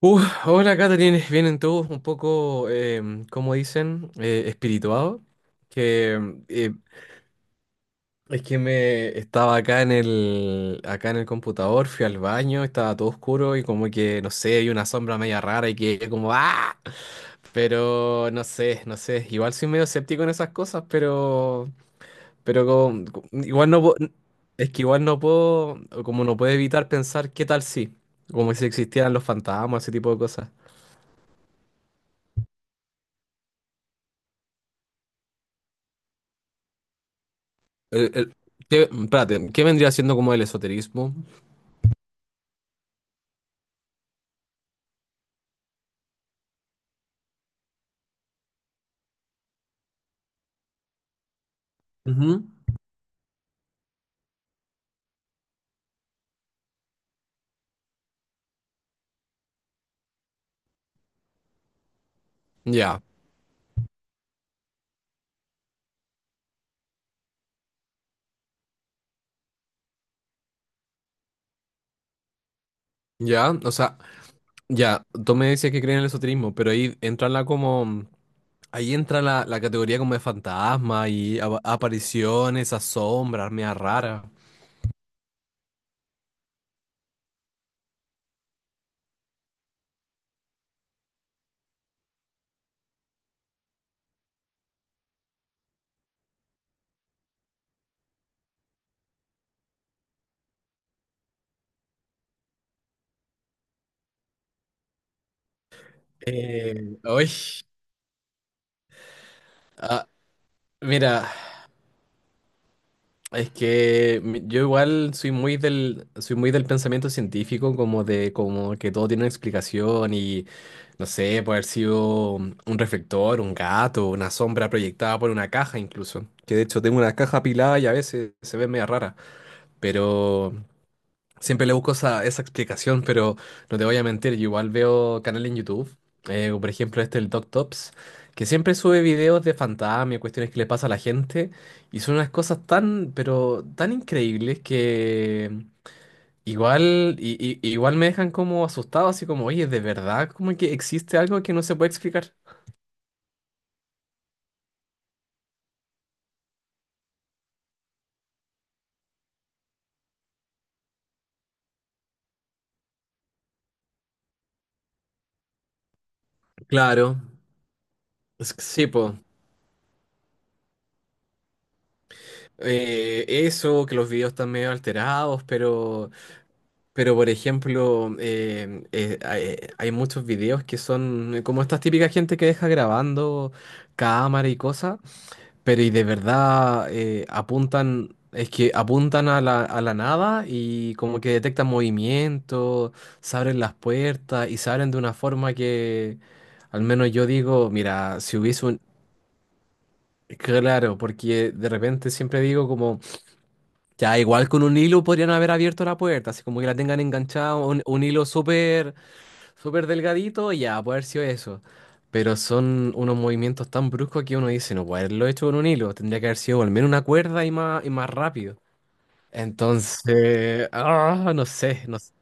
Uh, Hola, Catherine. Vienen todos un poco, como dicen, espirituados. Que em, eh, es que me estaba acá en acá en el computador, fui al baño, estaba todo oscuro y como que, no sé, hay una sombra media rara y que como ¡ah! Pero no sé, no sé. Igual soy medio escéptico en esas cosas, pero como- igual no puedo, es que igual no puedo, como no puedo evitar pensar qué tal si, como si existieran los fantasmas, ese tipo de cosas. el- el- Espérate, ¿qué vendría siendo como el esoterismo? Ujú. Ya, ya, o sea, ya, tú me dices que creen en el esoterismo, pero ahí entra la categoría como de fantasma y apariciones, a sombras, media rara. Uy, ah, mira. Es que yo igual soy muy soy muy del pensamiento científico, como de como que todo tiene una explicación y no sé, puede haber sido un reflector, un gato, una sombra proyectada por una caja incluso. Que de hecho tengo una caja apilada y a veces se ve media rara. Pero siempre le busco esa explicación, pero no te voy a mentir, yo igual veo canales en YouTube, como por ejemplo este el Doc Tops, que siempre sube videos de fantasmas, y cuestiones que le pasa a la gente, y son unas cosas tan, pero tan increíbles que igual me dejan como asustado, así como, oye, ¿de verdad como que existe algo que no se puede explicar? Claro, es que sí, po. Eso, que los videos están medio alterados. Pero... Pero, por ejemplo, hay muchos videos que son como estas típicas gente que deja grabando cámara y cosas, pero y de verdad es que apuntan a a la nada y como que detectan movimiento, se abren las puertas y se abren de una forma que al menos yo digo, mira, si hubiese un... Claro, porque de repente siempre digo como... Ya, igual con un hilo podrían haber abierto la puerta, así como que la tengan enganchada, un hilo súper súper delgadito, ya, puede haber sido eso. Pero son unos movimientos tan bruscos que uno dice, no puede haberlo hecho con un hilo, tendría que haber sido al menos una cuerda y más rápido. Entonces, no sé, no sé.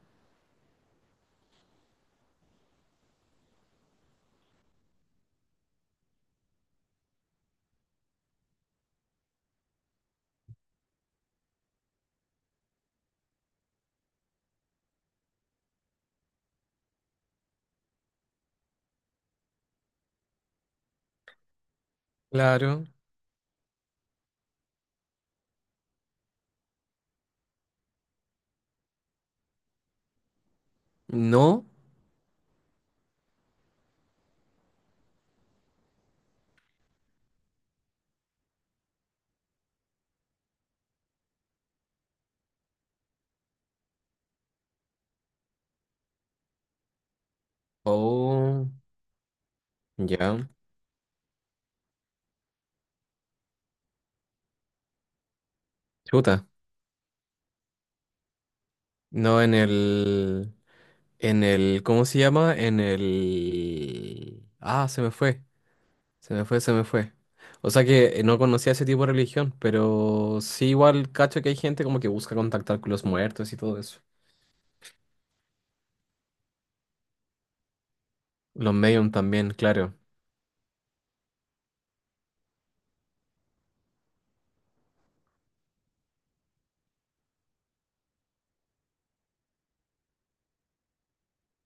Claro, no. Oh, ya. Chuta. No en el, ¿cómo se llama? En el, se me fue. Se me fue, se me fue. O sea que no conocía ese tipo de religión, pero sí igual cacho que hay gente como que busca contactar con los muertos y todo eso. Los medium también, claro.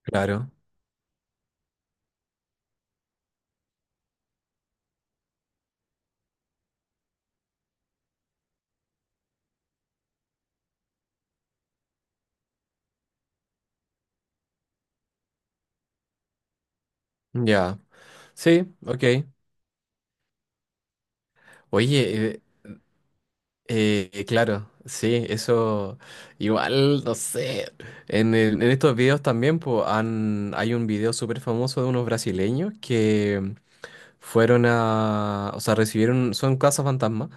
Claro. Ya. Sí, ok. Oye, claro, sí, eso igual, no sé. En estos videos también po, hay un video súper famoso de unos brasileños que fueron a, o sea, recibieron, son casas fantasma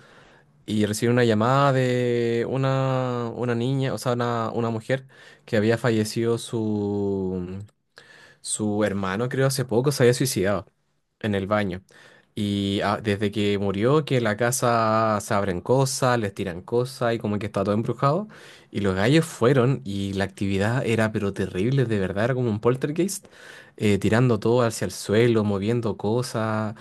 y recibí una llamada de una niña, o sea, una mujer que había fallecido su hermano, creo, hace poco se había suicidado en el baño. Y desde que murió, que la casa se abren cosas, les tiran cosas y como que está todo embrujado. Y los gallos fueron y la actividad era pero terrible, de verdad, era como un poltergeist, tirando todo hacia el suelo, moviendo cosas.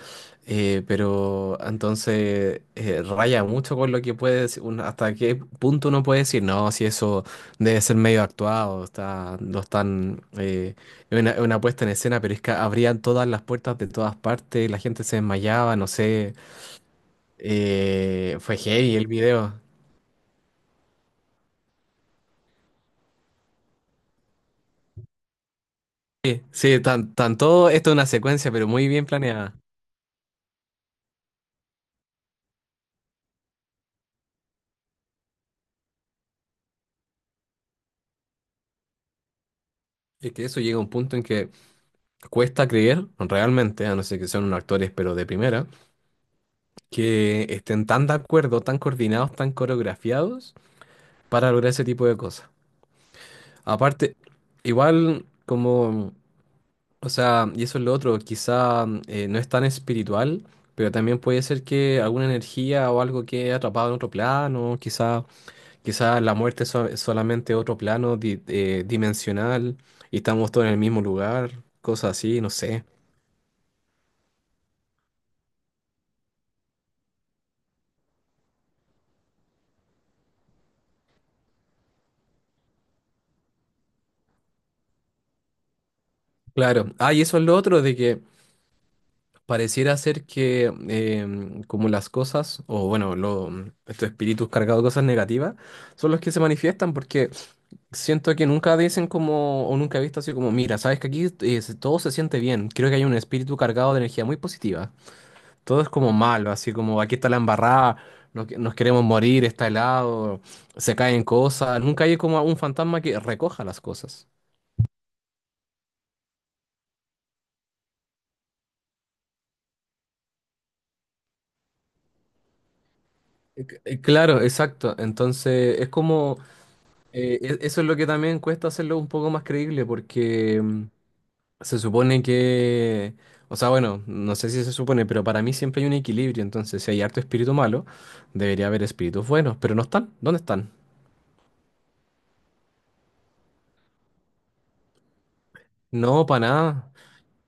Pero entonces raya mucho con lo que puede decir, hasta qué punto uno puede decir, no, si eso debe ser medio actuado, está, lo están es una puesta en escena, pero es que abrían todas las puertas de todas partes, la gente se desmayaba, no sé. Fue heavy el video. Sí, sí, tan todo esto es una secuencia, pero muy bien planeada. Es que eso llega a un punto en que cuesta creer, realmente, a no ser que sean unos actores, pero de primera, que estén tan de acuerdo, tan coordinados, tan coreografiados para lograr ese tipo de cosas. Aparte, igual como o sea, y eso es lo otro, quizá no es tan espiritual, pero también puede ser que alguna energía o algo quede atrapado en otro plano, quizá, quizá la muerte es so- es solamente otro plano dimensional y estamos todos en el mismo lugar, cosas así, no sé. Claro, y eso es lo otro, de que pareciera ser que como las cosas, o bueno, estos espíritus cargados de cosas negativas, son los que se manifiestan porque... Siento que nunca dicen como, o nunca he visto así como, mira, sabes que aquí todo se siente bien. Creo que hay un espíritu cargado de energía muy positiva. Todo es como malo, así como aquí está la embarrada, nos queremos morir, está helado, se caen cosas. Nunca hay como un fantasma que recoja las cosas. Claro, exacto. Entonces, es como, eso es lo que también cuesta hacerlo un poco más creíble, porque se supone que, o sea, bueno, no sé si se supone, pero para mí siempre hay un equilibrio, entonces si hay harto espíritu malo, debería haber espíritus buenos, pero no están, ¿dónde están? No, para nada.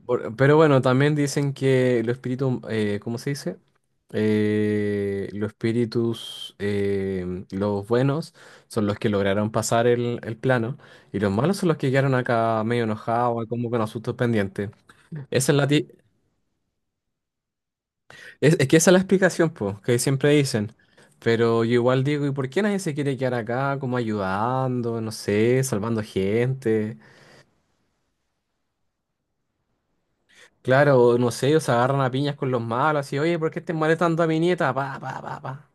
Pero bueno, también dicen que los espíritus, ¿cómo se dice? Los espíritus, los buenos son los que lograron pasar el plano y los malos son los que quedaron acá medio enojados, como con asuntos pendientes. Esa es la, ti- Es que esa es la explicación, pues, que siempre dicen. Pero yo igual digo, ¿y por qué nadie se quiere quedar acá como ayudando, no sé, salvando gente? Claro, no sé, ellos se agarran a piñas con los malos y, oye, ¿por qué estás molestando a mi nieta? Pa, pa, pa, pa.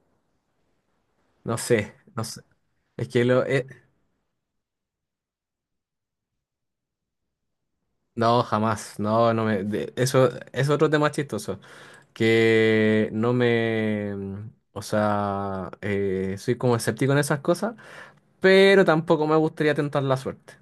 No sé, no sé. Es que lo... eh, no, jamás. No, no me... Eso es otro tema chistoso. Que no me... O sea, soy como escéptico en esas cosas, pero tampoco me gustaría tentar la suerte.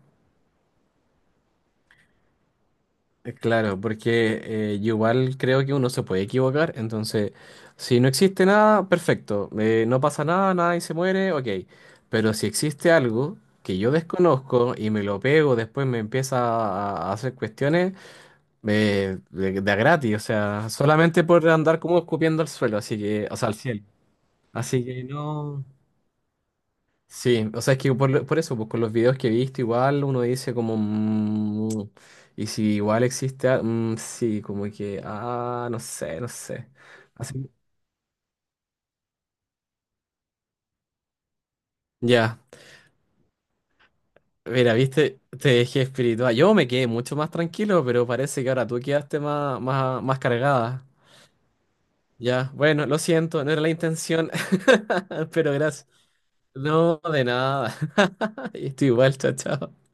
Claro, porque yo igual creo que uno se puede equivocar, entonces si no existe nada, perfecto, no pasa nada, nadie se muere, ok, pero si existe algo que yo desconozco y me lo pego, después me empieza a hacer cuestiones de a gratis, o sea, solamente por andar como escupiendo al suelo, así que, o sea, al cielo, así que no. Sí, o sea, es que por eso, pues con los videos que he visto, igual uno dice como, "Mm, y si igual existe, sí, como que, no sé, no sé." Así, ya, mira, viste, te dejé espiritual. Yo me quedé mucho más tranquilo, pero parece que ahora tú quedaste más, más, más cargada. Ya, bueno, lo siento, no era la intención, pero gracias. No, de nada. Estoy igual, chao, chao.